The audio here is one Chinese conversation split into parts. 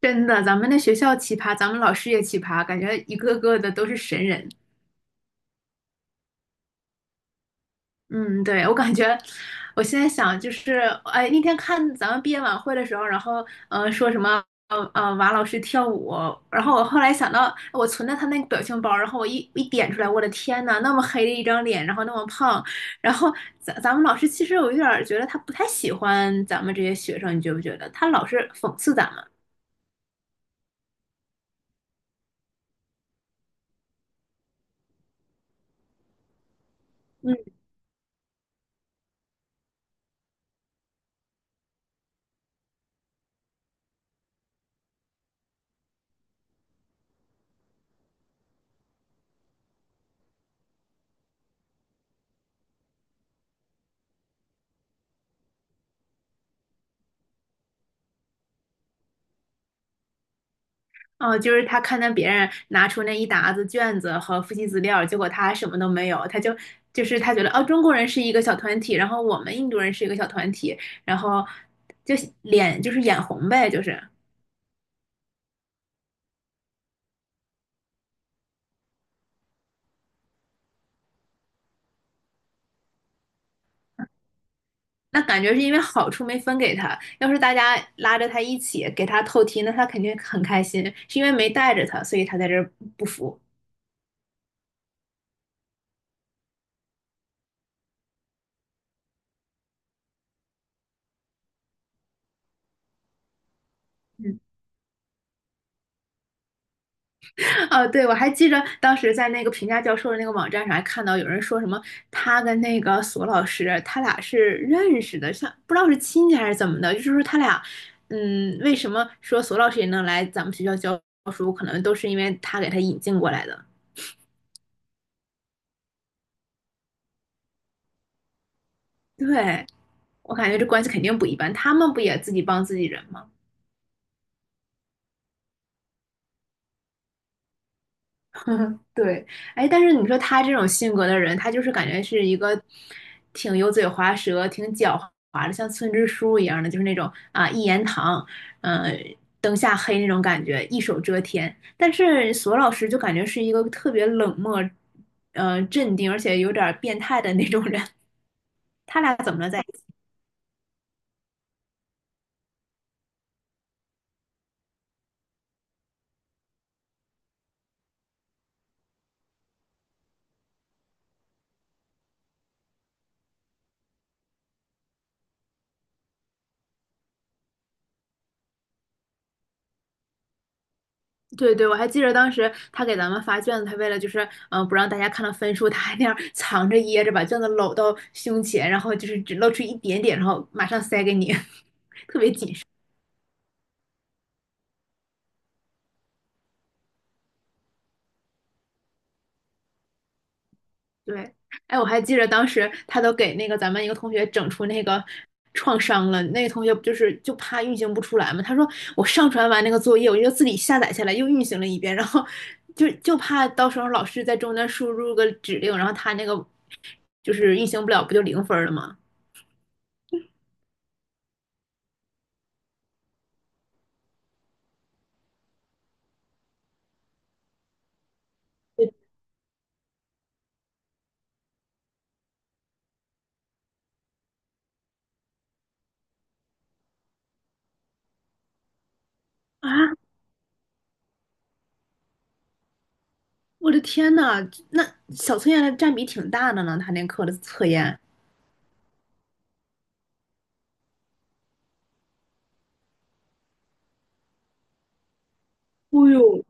真的，咱们那学校奇葩，咱们老师也奇葩，感觉一个个的都是神人。嗯，对，我感觉，我现在想就是，哎，那天看咱们毕业晚会的时候，然后说什么马老师跳舞，然后我后来想到我存的他那个表情包，然后我一点出来，我的天呐，那么黑的一张脸，然后那么胖，然后咱们老师其实我有点儿觉得他不太喜欢咱们这些学生，你觉不觉得？他老是讽刺咱们。嗯。哦，就是他看到别人拿出那一沓子卷子和复习资料，结果他什么都没有，他就就是他觉得哦，中国人是一个小团体，然后我们印度人是一个小团体，然后就脸就是眼红呗，就是那感觉是因为好处没分给他，要是大家拉着他一起给他透题，那他肯定很开心，是因为没带着他，所以他在这儿不服。嗯。哦，对，我还记着当时在那个评价教授的那个网站上还看到有人说什么，他跟那个索老师，他俩是认识的，像不知道是亲戚还是怎么的，就是说他俩，嗯，为什么说索老师也能来咱们学校教书，可能都是因为他给他引进过来的。对，我感觉这关系肯定不一般，他们不也自己帮自己人吗？对，哎，但是你说他这种性格的人，他就是感觉是一个挺油嘴滑舌、挺狡猾的，像村支书一样的，就是那种啊一言堂，嗯，灯下黑那种感觉，一手遮天。但是索老师就感觉是一个特别冷漠、镇定，而且有点儿变态的那种人。他俩怎么了在？对对，我还记得当时他给咱们发卷子，他为了就是不让大家看到分数，他还那样藏着掖着把卷子搂到胸前，然后就是只露出一点点，然后马上塞给你。对，哎，我还记得当时他都给那个咱们一个同学整出那个创伤了，那个同学不就是就怕运行不出来嘛？他说我上传完那个作业，我就自己下载下来又运行了一遍，然后就怕到时候老师在中间输入个指令，然后他那个就是运行不了，不就零分了吗？啊，我的天呐，那小测验占比挺大的呢，他那课的测验。哦呦，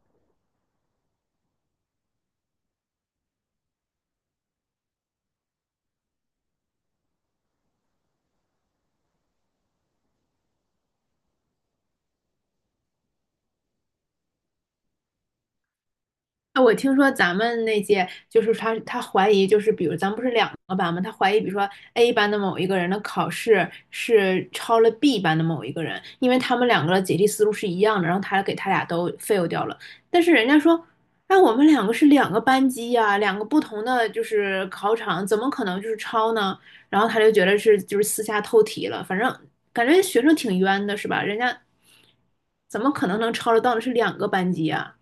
啊，我听说咱们那届就是他，他怀疑就是，比如咱们不是两个班吗？他怀疑，比如说 A 班的某一个人的考试是超了 B 班的某一个人，因为他们两个的解题思路是一样的，然后他给他俩都 fail 掉了。但是人家说，哎，我们两个是两个班级呀、两个不同的就是考场，怎么可能就是抄呢？然后他就觉得是就是私下透题了，反正感觉学生挺冤的，是吧？人家怎么可能能抄得到的是两个班级啊。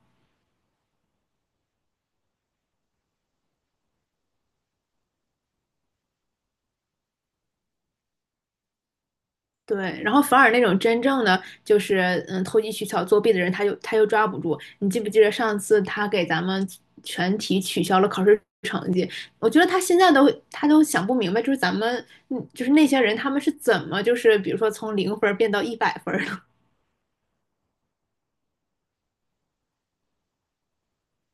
对，然后反而那种真正的就是投机取巧作弊的人，他又抓不住。你记不记得上次他给咱们全体取消了考试成绩？我觉得他都想不明白，就是咱们就是那些人他们是怎么就是比如说从零分儿变到一百分儿的？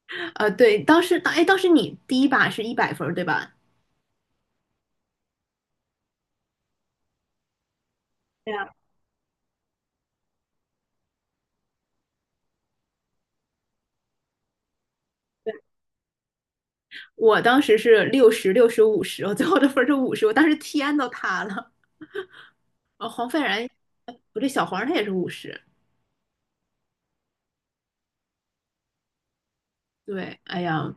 对，当时你第一把是一百分儿对吧？对呀，对，我当时是六十五十，我最后的分儿是五十，我当时天都塌了。黄斐然，不对，小黄他也是五十，对，哎呀，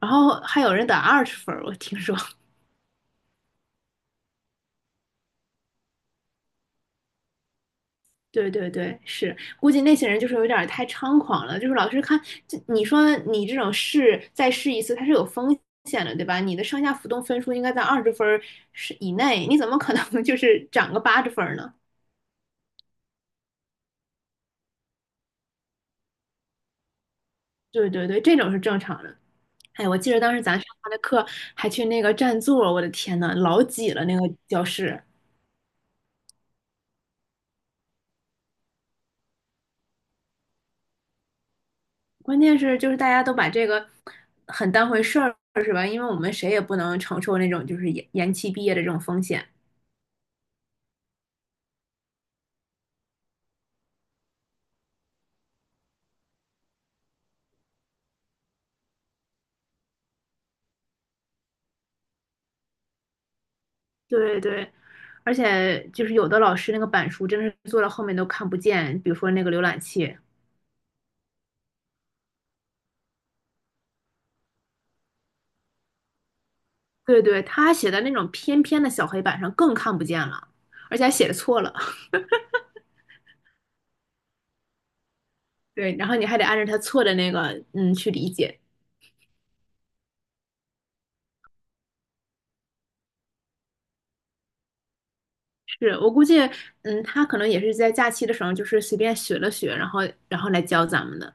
然后还有人打二十分儿，我听说。对对对，是，估计那些人就是有点儿太猖狂了，就是老师看，这你说你这种试再试一次，它是有风险的，对吧？你的上下浮动分数应该在二十分儿是以内，你怎么可能 就是涨个80分儿呢？对对对，这种是正常的。哎，我记得当时咱上他的课还去那个占座儿我的天呐，老挤了那个教室。关键是就是大家都把这个很当回事儿，是吧？因为我们谁也不能承受那种就是延期毕业的这种风险。对对，而且就是有的老师那个板书真的是做到后面都看不见，比如说那个浏览器，对对，他写在那种偏偏的小黑板上更看不见了，而且还写的错了。对，然后你还得按照他错的那个去理解。是我估计，嗯，他可能也是在假期的时候，就是随便学了学，然后然后来教咱们的。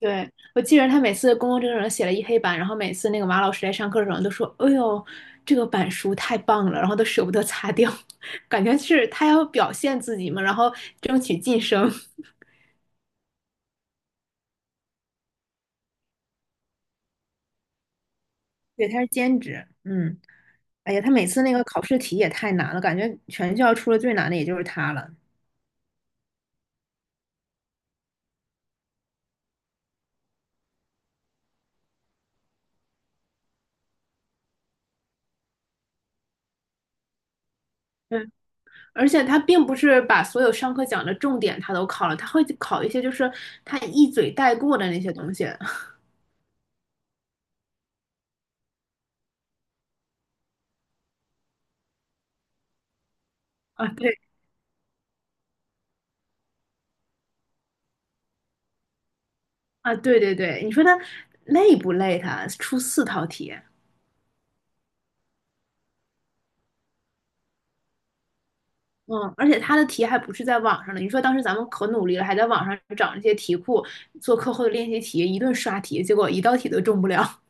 对，我记得他每次公共政策写了一黑板，然后每次那个马老师来上课的时候都说："哎呦，这个板书太棒了！"然后都舍不得擦掉，感觉是他要表现自己嘛，然后争取晋升。对，他是兼职，嗯，哎呀，他每次那个考试题也太难了，感觉全校出了最难的也就是他了。嗯，而且他并不是把所有上课讲的重点他都考了，他会考一些就是他一嘴带过的那些东西。啊，对，啊，对对对，你说他累不累？出4套题，嗯，而且他的题还不是在网上的。你说当时咱们可努力了，还在网上找那些题库做课后的练习题，一顿刷题，结果一道题都中不了。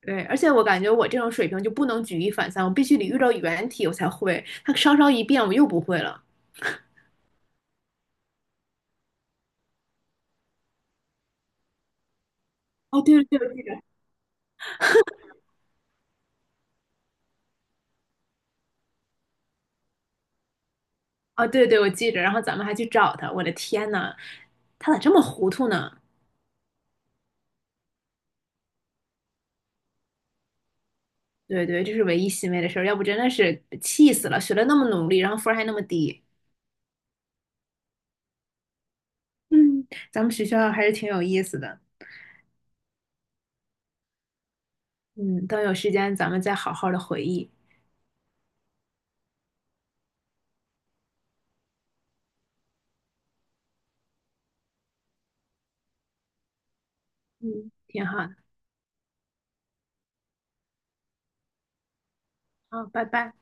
对，而且我感觉我这种水平就不能举一反三，我必须得遇到原题我才会。他稍稍一变，我又不会了。哦，对对对，我记着。哦，对对，我记着。然后咱们还去找他，我的天呐，他咋这么糊涂呢？对对，这是唯一欣慰的事儿，要不真的是气死了。学了那么努力，然后分儿还那么低。嗯，咱们学校还是挺有意思的。嗯，等有时间咱们再好好的回忆。嗯，挺好的。好，拜拜。